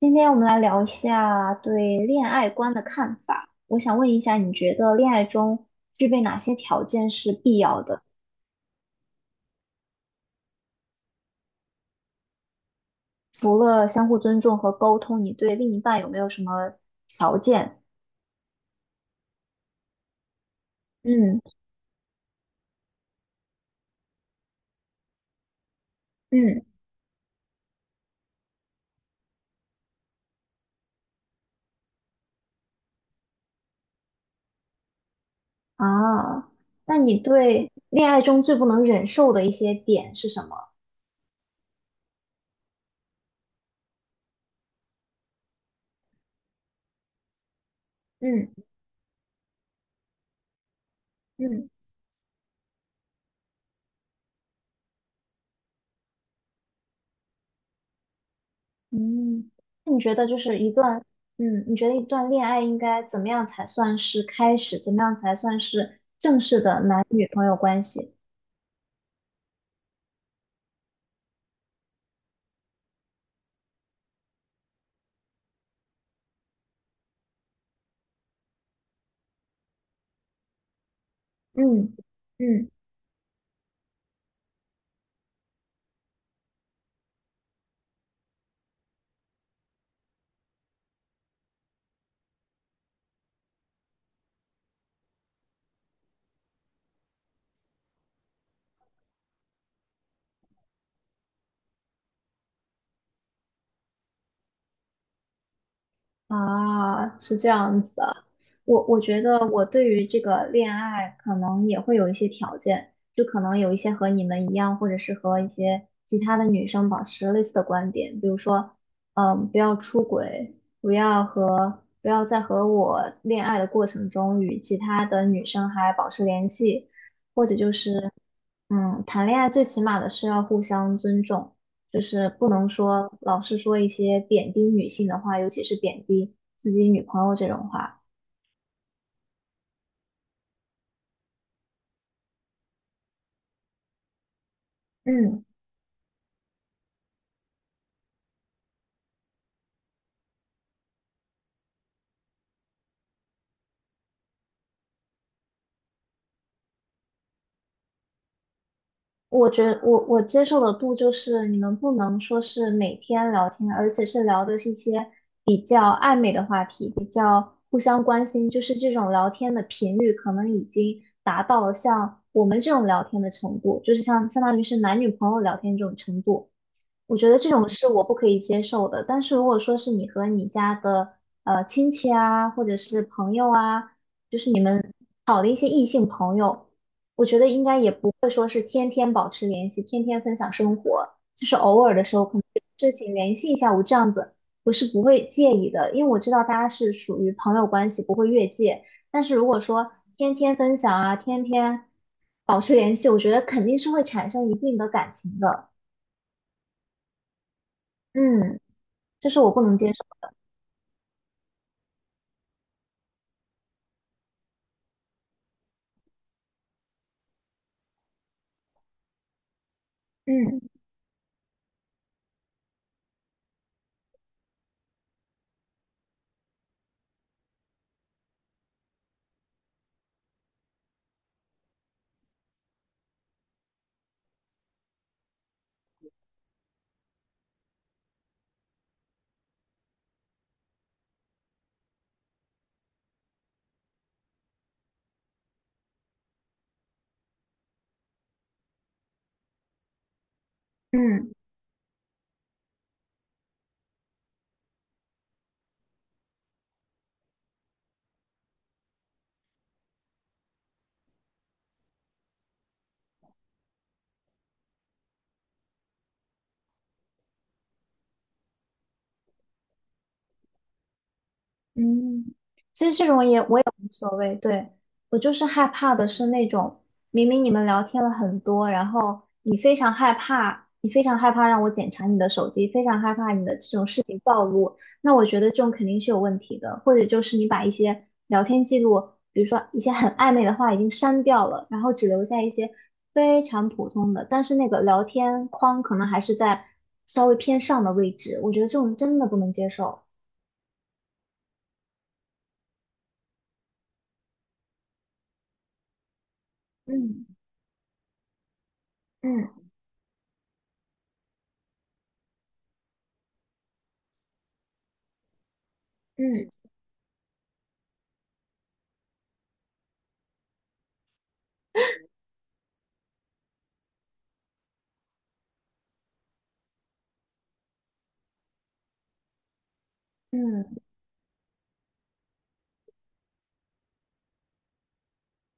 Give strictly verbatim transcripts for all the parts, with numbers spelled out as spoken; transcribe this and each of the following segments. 今天我们来聊一下对恋爱观的看法。我想问一下，你觉得恋爱中具备哪些条件是必要的？除了相互尊重和沟通，你对另一半有没有什么条件？嗯嗯，啊，那你对恋爱中最不能忍受的一些点是什么？嗯嗯嗯，那你觉得就是一段，嗯，你觉得一段恋爱应该怎么样才算是开始？怎么样才算是正式的男女朋友关系？嗯嗯，啊，是这样子的。我我觉得我对于这个恋爱可能也会有一些条件，就可能有一些和你们一样，或者是和一些其他的女生保持类似的观点，比如说，嗯，不要出轨，不要和不要在和我恋爱的过程中与其他的女生还保持联系，嗯，谈恋爱最起码的是要互相尊重，就是不能说老是说一些贬低女性的话，尤其是贬低自己女朋友这种话。嗯，我觉得我我接受的度就是你们不能说是每天聊天，而且是聊的是一些比较暧昧的话题，互相关心，就是这种聊天的频率可能已经达到了像我们这种聊天的程度，就是像相当于是男女朋友聊天这种程度。我觉得这种是我不可以接受的。但是如果说是你和你家的呃亲戚啊，或者是朋友啊，就是你们好的一些异性朋友，我觉得应该也不会说是天天保持联系，天天分享生活，就是偶尔的时候可能有事情联系一下，我这样子我是不会介意的，因为我知道大家是属于朋友关系，不会越界。但是如果说天天分享啊，天天保持联系，我觉得肯定是会产生一定的感情的。嗯。这是我不能接受的。嗯嗯。嗯，其实这种也我也无所谓，对，我就是害怕的是那种明明你们聊天了很多，然后你非常害怕，你非常害怕让我检查你的手机，非常害怕你的这种事情暴露，那我觉得这种肯定是有问题的，或者就是你把一些聊天记录，比如说一些很暧昧的话已经删掉了，然后只留下一些非常普通的，但是那个聊天框可能还是在稍微偏上的位置，我觉得这种真的不能接受。嗯嗯。嗯嗯，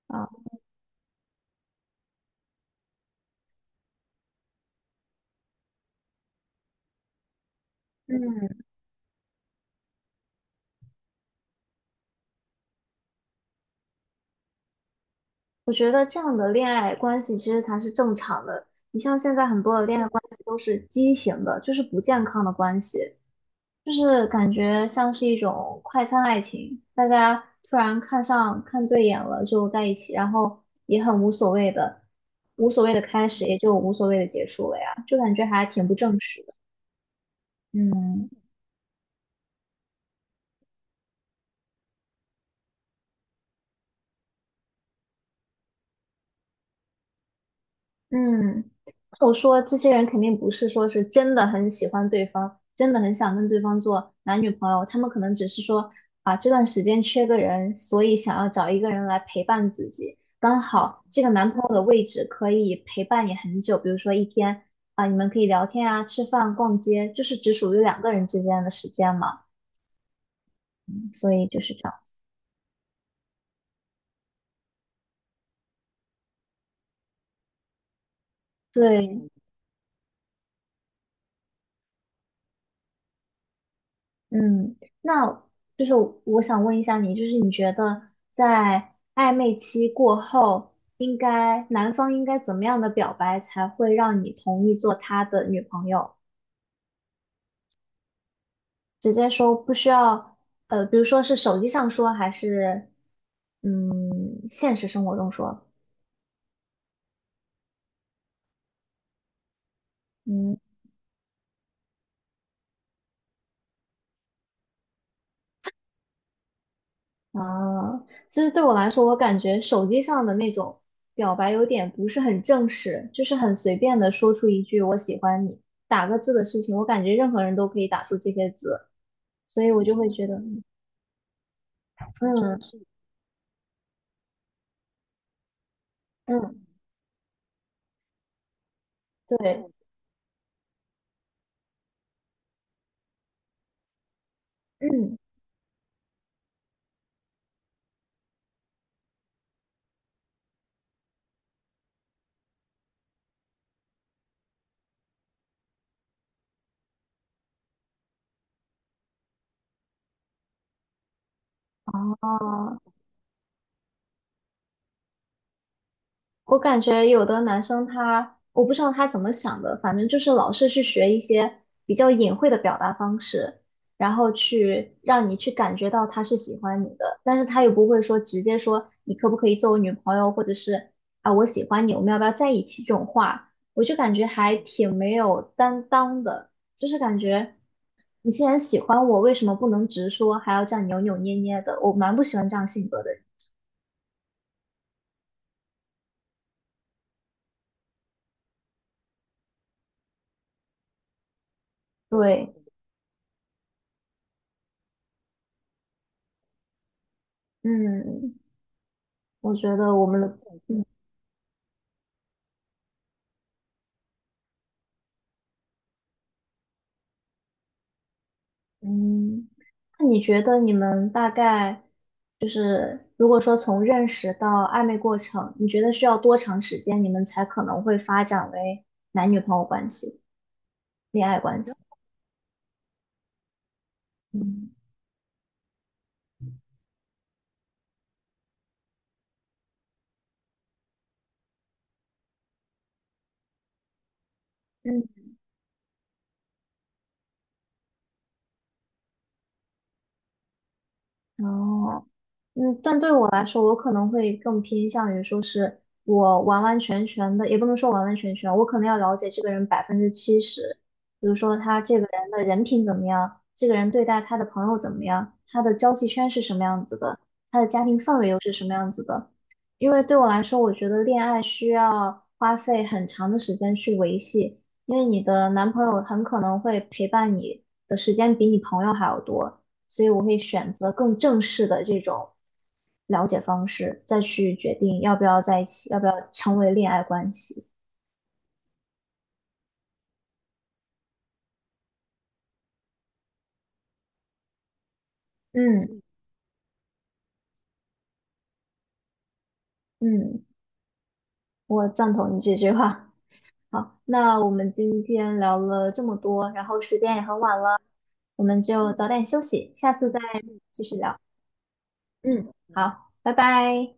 啊，嗯，我觉得这样的恋爱关系其实才是正常的。你像现在很多的恋爱关系都是畸形的，就是不健康的关系，就是感觉像是一种快餐爱情，大家突然看上看对眼了就在一起，然后也很无所谓的，无所谓的开始也就无所谓的结束了呀，就感觉还挺不正式的。嗯。嗯，我说这些人肯定不是说是真的很喜欢对方，真的很想跟对方做男女朋友，他们可能只是说啊这段时间缺个人，所以想要找一个人来陪伴自己，刚好这个男朋友的位置可以陪伴你很久，比如说一天啊，你们可以聊天啊、吃饭、逛街，就是只属于两个人之间的时间嘛，所以就是这样。对，嗯，那就是我想问一下你，就是你觉得在暧昧期过后，应该男方应该怎么样的表白才会让你同意做他的女朋友？直接说不需要，呃，比如说是手机上说，还是嗯现实生活中说？嗯。啊，其实对我来说，我感觉手机上的那种表白有点不是很正式，就是很随便的说出一句“我喜欢你”，打个字的事情，我感觉任何人都可以打出这些字，所以我就会觉得，嗯嗯，嗯对，嗯，哦。我感觉有的男生他，我不知道他怎么想的，反正就是老是去学一些比较隐晦的表达方式，然后去让你去感觉到他是喜欢你的，但是他又不会说直接说你可不可以做我女朋友，或者是啊我喜欢你，我们要不要在一起这种话，我就感觉还挺没有担当的，就是感觉你既然喜欢我，为什么不能直说，还要这样扭扭捏捏的？我蛮不喜欢这样性格的人。对，嗯。我觉得我们的，嗯嗯，那你觉得你们大概就是，如果说从认识到暧昧过程，你觉得需要多长时间，你们才可能会发展为男女朋友关系、恋爱关系？嗯哦，嗯，但对我来说，我可能会更偏向于说是我完完全全的，也不能说完完全全，我可能要了解这个人百分之七十，比如说他这个人的人品怎么样，这个人对待他的朋友怎么样，他的交际圈是什么样子的，他的家庭氛围又是什么样子的。因为对我来说，我觉得恋爱需要花费很长的时间去维系，因为你的男朋友很可能会陪伴你的时间比你朋友还要多。所以我会选择更正式的这种了解方式，再去决定要不要在一起，要不要成为恋爱关系。嗯嗯，我赞同你这句话。好，那我们今天聊了这么多，然后时间也很晚了，我们就早点休息，下次再继续聊。嗯，好，拜拜。